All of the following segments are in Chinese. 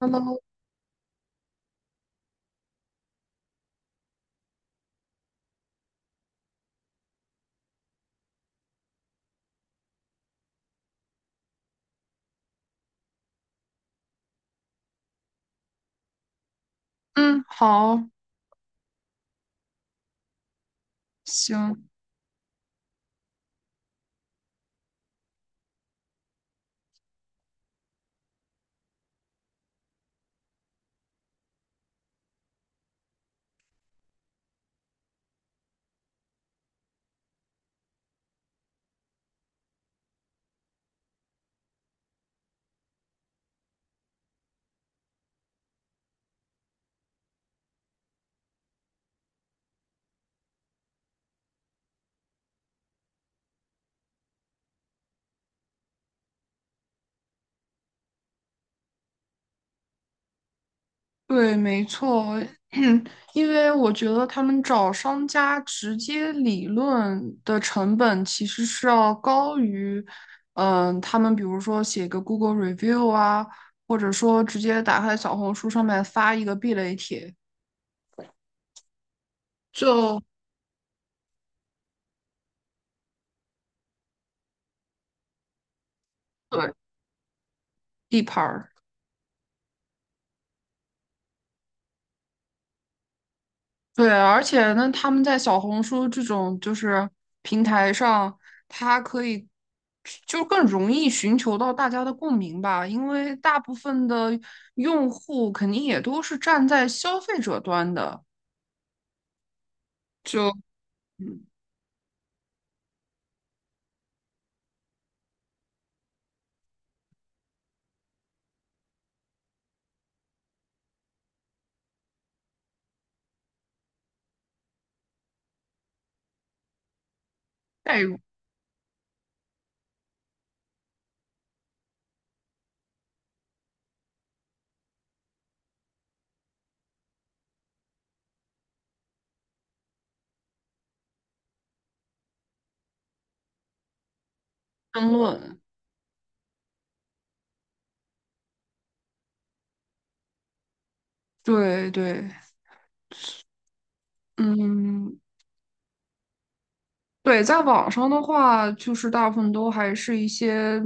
Hello，嗯，好，行，对，没错，因为我觉得他们找商家直接理论的成本其实是要高于，嗯，他们比如说写个 Google review 啊，或者说直接打开小红书上面发一个避雷帖，就对地盘儿。对，而且呢，他们在小红书这种就是平台上，它可以就更容易寻求到大家的共鸣吧，因为大部分的用户肯定也都是站在消费者端的，就嗯代入争论。对对，嗯，对，在网上的话，就是大部分都还是一些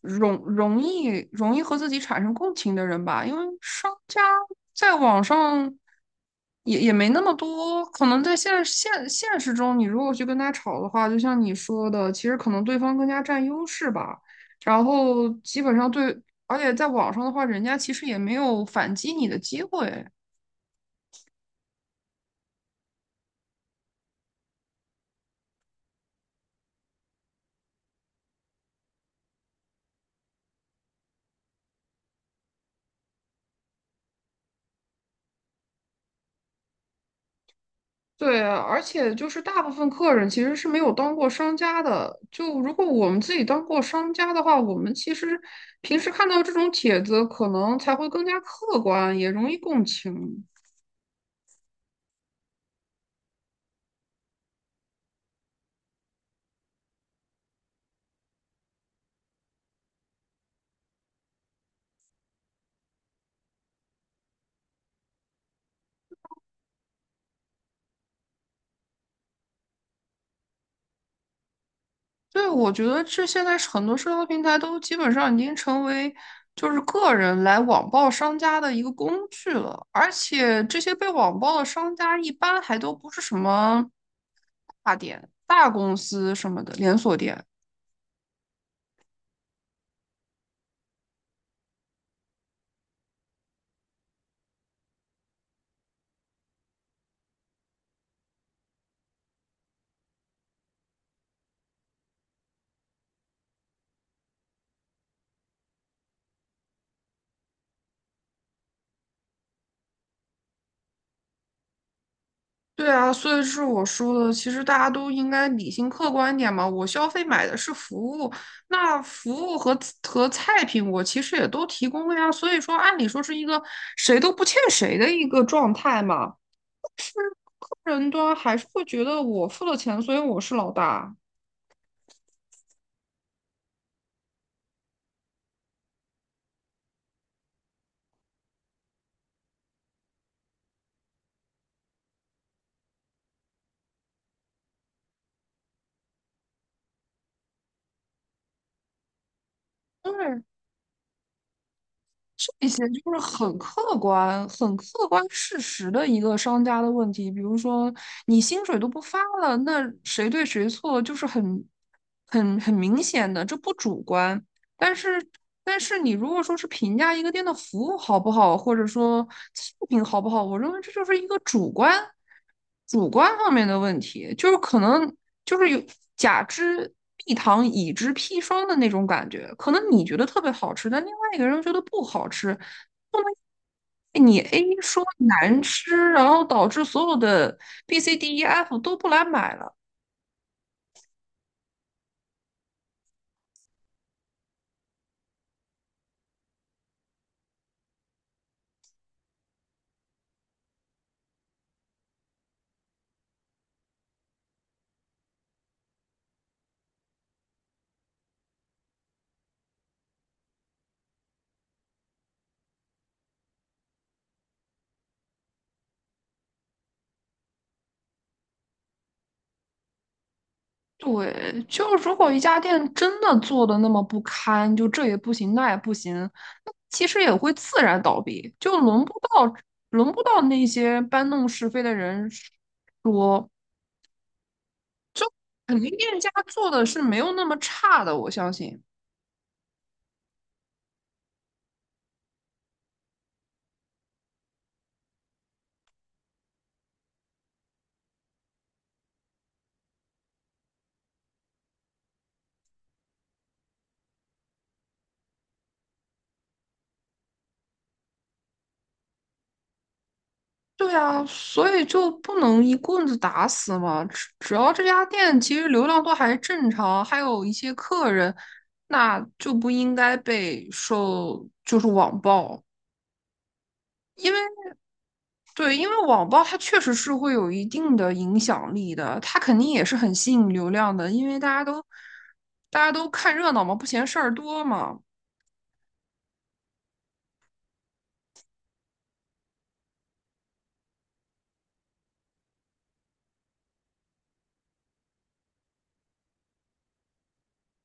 容容易容易和自己产生共情的人吧，因为商家在网上也没那么多，可能在现实中，你如果去跟他吵的话，就像你说的，其实可能对方更加占优势吧。然后基本上对，而且在网上的话，人家其实也没有反击你的机会。对，而且就是大部分客人其实是没有当过商家的。就如果我们自己当过商家的话，我们其实平时看到这种帖子，可能才会更加客观，也容易共情。对，我觉得这现在是很多社交平台都基本上已经成为就是个人来网暴商家的一个工具了，而且这些被网暴的商家一般还都不是什么大店、大公司什么的连锁店。对啊，所以是我说的，其实大家都应该理性客观一点嘛。我消费买的是服务，那服务和菜品我其实也都提供了呀。所以说，按理说是一个谁都不欠谁的一个状态嘛。人端还是会觉得我付了钱，所以我是老大。这些就是很客观、很客观事实的一个商家的问题。比如说，你薪水都不发了，那谁对谁错就是很明显的，这不主观。但是，但是你如果说是评价一个店的服务好不好，或者说素品好不好，我认为这就是一个主观方面的问题，就是可能就是有甲之蜜糖，乙之砒霜的那种感觉。可能你觉得特别好吃，但另外一个人觉得不好吃，不能你 A 说难吃，然后导致所有的 B、C、D、E、F 都不来买了。对，就如果一家店真的做的那么不堪，就这也不行，那也不行，那其实也会自然倒闭，就轮不到那些搬弄是非的人说，肯定店家做的是没有那么差的，我相信。对啊，所以就不能一棍子打死嘛，只要这家店其实流量都还正常，还有一些客人，那就不应该被受就是网暴。因为。对，因为网暴它确实是会有一定的影响力的，它肯定也是很吸引流量的，因为大家都看热闹嘛，不嫌事儿多嘛。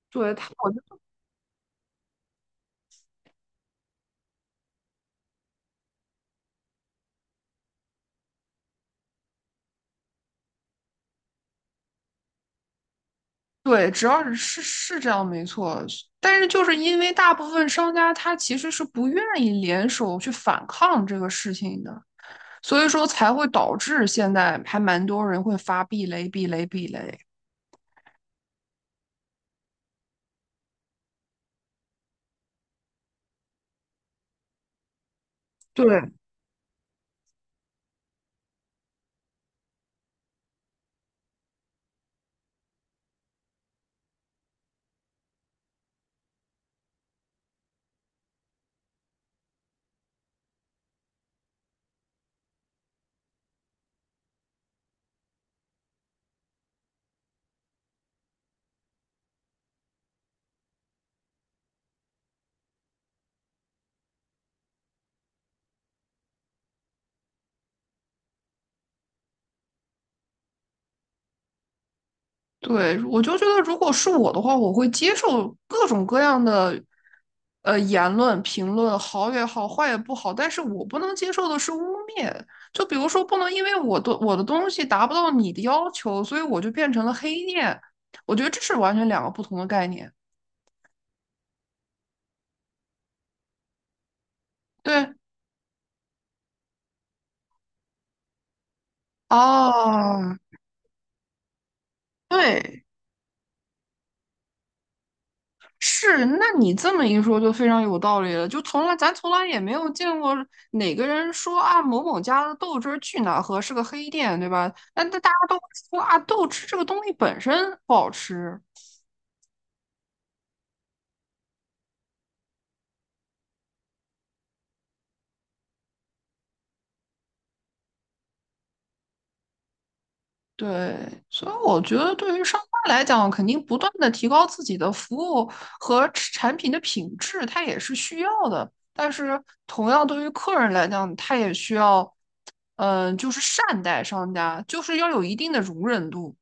对，它我就对，只要是是这样没错，但是就是因为大部分商家他其实是不愿意联手去反抗这个事情的，所以说才会导致现在还蛮多人会发避雷。对，对，我就觉得，如果是我的话，我会接受各种各样的言论、评论，好也好，坏也不好。但是我不能接受的是污蔑，就比如说，不能因为我的东西达不到你的要求，所以我就变成了黑店。我觉得这是完全两个不同的概念。对，哦，对，是，那你这么一说就非常有道理了。就咱从来也没有见过哪个人说啊某某家的豆汁儿去哪喝是个黑店，对吧？但那大家都会说啊豆汁这个东西本身不好吃。对，所以我觉得对于商家来讲，肯定不断的提高自己的服务和产品的品质，它也是需要的。但是同样对于客人来讲，他也需要，嗯、就是善待商家，就是要有一定的容忍度。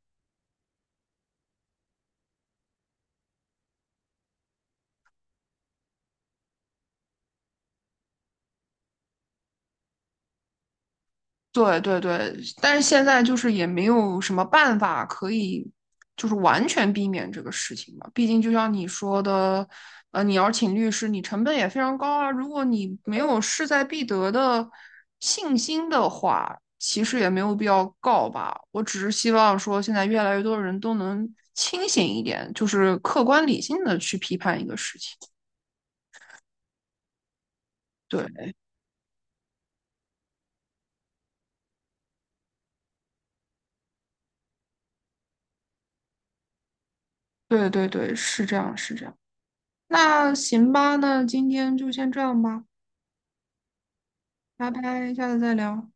对，但是现在就是也没有什么办法可以，就是完全避免这个事情嘛。毕竟就像你说的，你要请律师，你成本也非常高啊。如果你没有势在必得的信心的话，其实也没有必要告吧。我只是希望说，现在越来越多人都能清醒一点，就是客观理性的去批判一个事情。对对，是这样是这样。那行吧，那今天就先这样吧。拜拜，下次再聊。